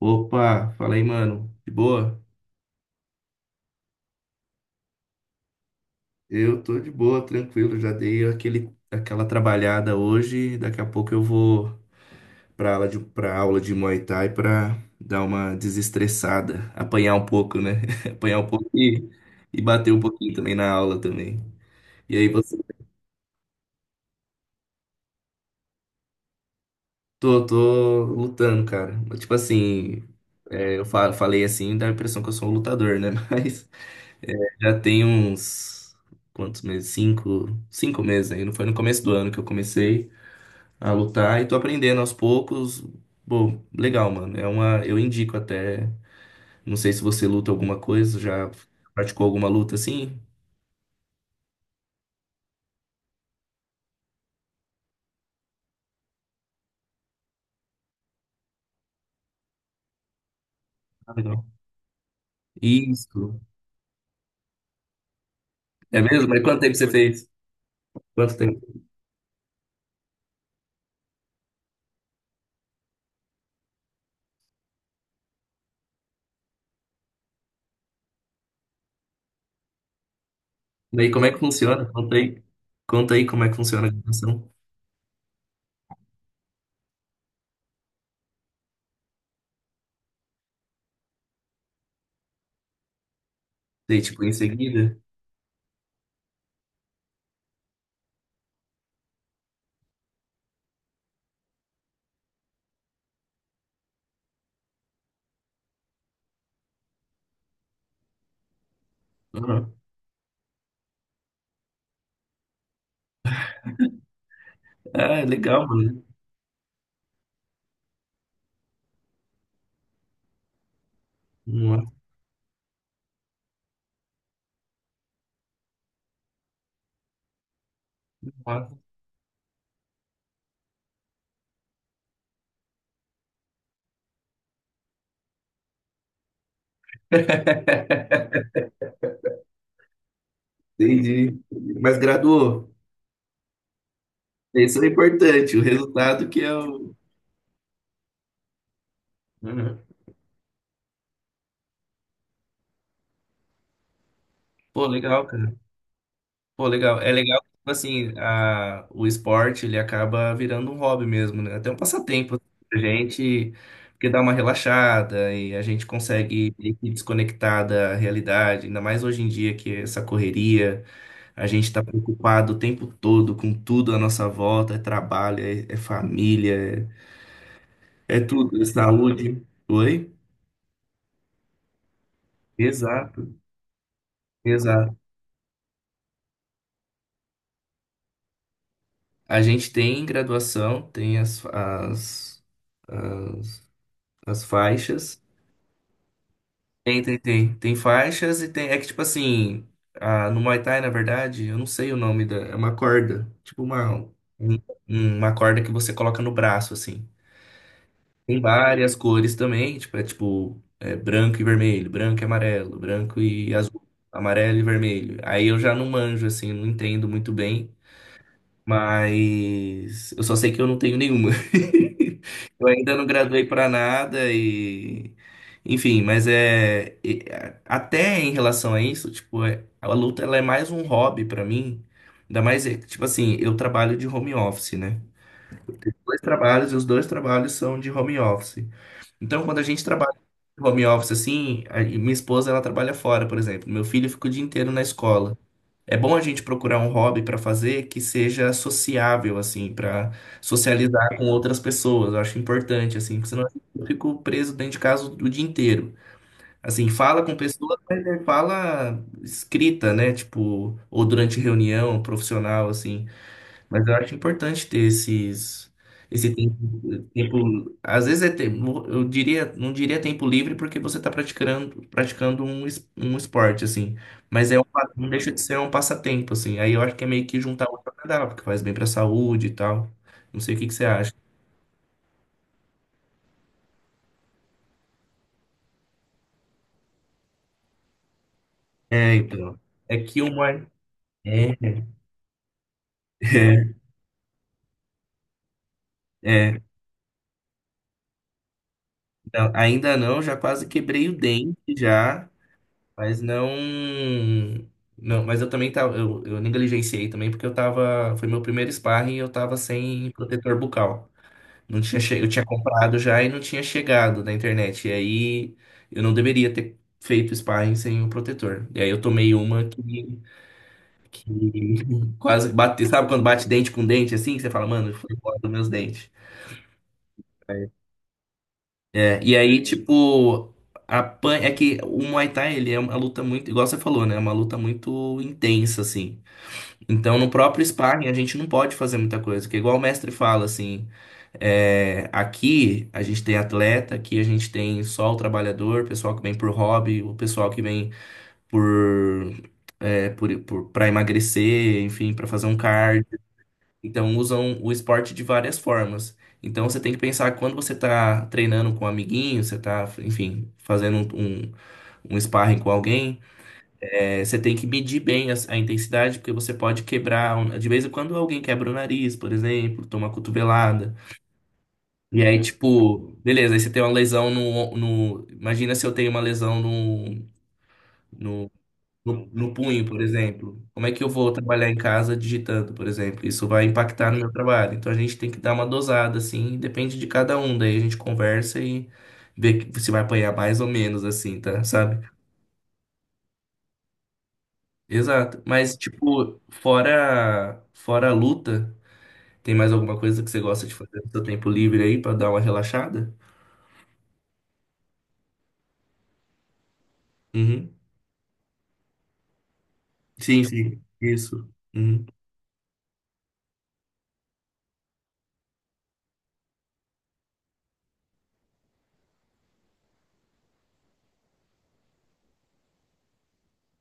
Opa, fala aí, mano. De boa? Eu tô de boa, tranquilo. Já dei aquela trabalhada hoje. Daqui a pouco eu vou pra aula de Muay Thai pra dar uma desestressada, apanhar um pouco, né? Apanhar um pouco e bater um pouquinho também na aula também. E aí você? Tô lutando, cara. Tipo assim, eu falei assim, dá a impressão que eu sou um lutador, né? Mas é. Já tem uns, quantos meses? Cinco meses aí. Não, foi no começo do ano que eu comecei a lutar e tô aprendendo aos poucos. Bom, legal, mano. Eu indico até. Não sei se você luta alguma coisa, já praticou alguma luta assim? Ah, legal. Isso. É mesmo? Mas quanto tempo você fez? Quanto tempo? E aí, como é que funciona? Conta aí. Conta aí como é que funciona a gravação. Sei, tipo, em seguida. Uhum. Ah, legal, mano. Nossa, massa. Entendi. Mas graduou. Isso é importante, o resultado que é o. Uhum. Pô, legal, cara. Pô, legal. É legal que, tipo assim, o esporte ele acaba virando um hobby mesmo, né? Até um passatempo pra gente, porque dá uma relaxada e a gente consegue meio que desconectar da realidade, ainda mais hoje em dia que é essa correria, a gente tá preocupado o tempo todo com tudo à nossa volta, é trabalho, é família, é tudo, é saúde. Oi? Exato. Exato. A gente tem graduação, tem as faixas. Tem, tem, tem. Tem faixas e tem. É que, tipo assim, ah, no Muay Thai, na verdade, eu não sei o nome da. É uma corda. Tipo um- uma corda que você coloca no braço, assim. Tem várias cores também, tipo, é tipo, é branco e vermelho, branco e amarelo, branco e azul, amarelo e vermelho. Aí eu já não manjo, assim, não entendo muito bem. Mas eu só sei que eu não tenho nenhuma. Eu ainda não graduei para nada e enfim. Mas até em relação a isso, tipo, a luta ela é mais um hobby para mim. Ainda mais, é, tipo assim, eu trabalho de home office, né? Dois trabalhos e os dois trabalhos são de home office. Então, quando a gente trabalha de home office assim, e minha esposa ela trabalha fora, por exemplo. Meu filho fica o dia inteiro na escola. É bom a gente procurar um hobby para fazer que seja sociável, assim, para socializar com outras pessoas. Eu acho importante, assim, porque senão eu fico preso dentro de casa o dia inteiro. Assim, fala com pessoas, mas é fala escrita, né? Tipo, ou durante reunião profissional, assim. Mas eu acho importante ter esse tempo, às vezes é tempo, eu diria, não diria tempo livre porque você está praticando um esporte, assim, mas é, não deixa de ser um passatempo, assim, aí eu acho que é meio que juntar o agradável, porque faz bem para a saúde e tal, não sei o que que você acha. É, então, é que uma... É, é, é. Não, ainda não. Já quase quebrei o dente, já. Mas não. Não, mas eu também tava. Eu negligenciei também, porque eu tava. Foi meu primeiro sparring e eu tava sem protetor bucal. Não tinha che... Eu tinha comprado já e não tinha chegado na internet. E aí eu não deveria ter feito sparring sem o protetor. E aí eu tomei uma que quase bate. Sabe quando bate dente com dente assim? Que você fala, mano, foi embora dos meus dentes. É, e aí, tipo, a pan é que o Muay Thai, ele é uma luta muito, igual você falou, né? É uma luta muito intensa, assim. Então, no próprio sparring, a gente não pode fazer muita coisa, porque igual o mestre fala, assim, é, aqui a gente tem atleta, aqui a gente tem só o trabalhador, o pessoal que vem por hobby, o pessoal que vem por, é, por, para emagrecer, enfim, para fazer um cardio. Então, usam o esporte de várias formas. Então, você tem que pensar que quando você tá treinando com um amiguinho, você tá, enfim, fazendo um sparring com alguém, você tem que medir bem a intensidade, porque você pode quebrar. De vez em quando alguém quebra o nariz, por exemplo, toma uma cotovelada. E aí, tipo, beleza, aí você tem uma lesão no, no. Imagina se eu tenho uma lesão no, no punho, por exemplo. Como é que eu vou trabalhar em casa digitando, por exemplo? Isso vai impactar no meu trabalho. Então a gente tem que dar uma dosada, assim, depende de cada um. Daí a gente conversa e vê se vai apanhar mais ou menos, assim, tá? Sabe? Exato. Mas, tipo, fora a luta, tem mais alguma coisa que você gosta de fazer no seu tempo livre aí pra dar uma relaxada? Uhum. Sim, sim. Isso. Uhum.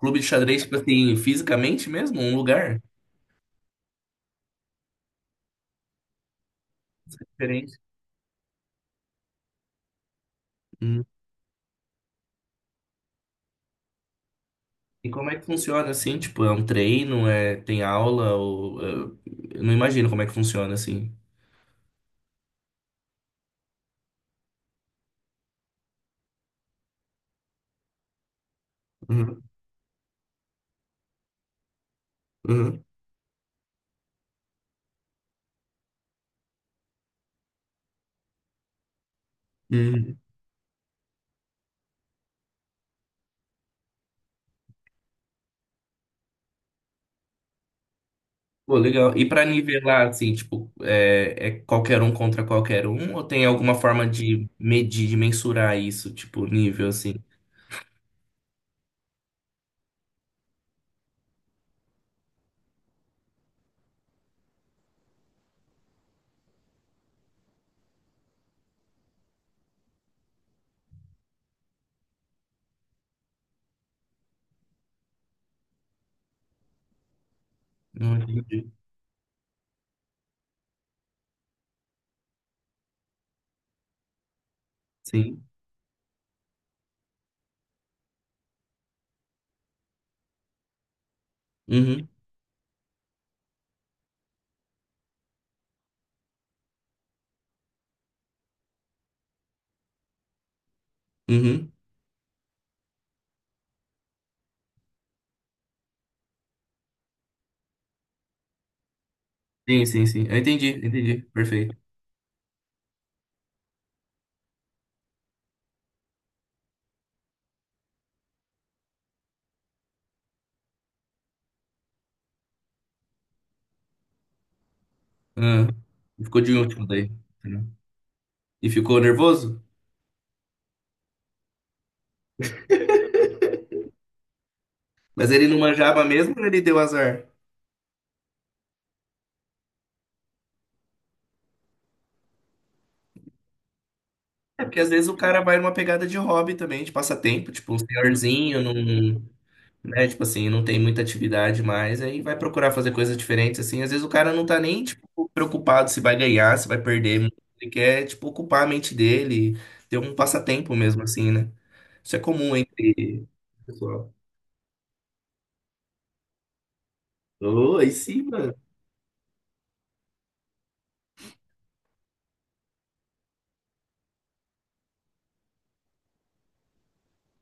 Clube de xadrez, tipo assim, fisicamente mesmo? Um lugar? Diferente. Uhum. E como é que funciona assim? Tipo, é um treino? É, tem aula? Ou, eu não imagino como é que funciona assim. Uhum. Uhum. Uhum. Pô, legal. E pra nivelar, assim, tipo, é qualquer um contra qualquer um? Ou tem alguma forma de medir, de mensurar isso, tipo, nível, assim? Não entendi. Sim. Uhum, uhum. Sim, sim, sim. Eu entendi, entendi. Perfeito. Ah, ficou de último daí. E ficou nervoso? Mas ele não manjava mesmo ou ele deu azar? É porque às vezes o cara vai numa pegada de hobby também, de passatempo, tipo, um senhorzinho, num, né? Tipo assim, não tem muita atividade mais, aí vai procurar fazer coisas diferentes, assim. Às vezes o cara não tá nem, tipo, preocupado se vai ganhar, se vai perder. Ele quer, tipo, ocupar a mente dele, ter um passatempo mesmo, assim, né? Isso é comum entre o pessoal. Ô, aí sim, mano.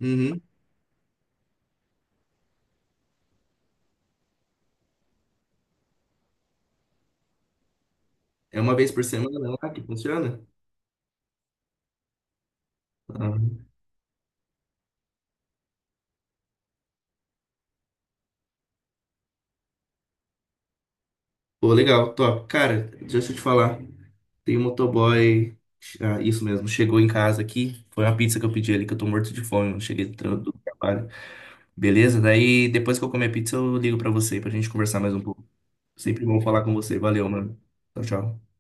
Uhum. É uma vez por semana lá que funciona? Ah. Pô, legal, top. Cara, deixa eu te falar. Tem um motoboy. Ah, isso mesmo, chegou em casa aqui. Foi uma pizza que eu pedi ali, que eu tô morto de fome, mano. Cheguei do trabalho. Beleza? Daí depois que eu comer pizza, eu ligo pra você pra gente conversar mais um pouco. Sempre bom falar com você. Valeu, mano. Tchau, tchau.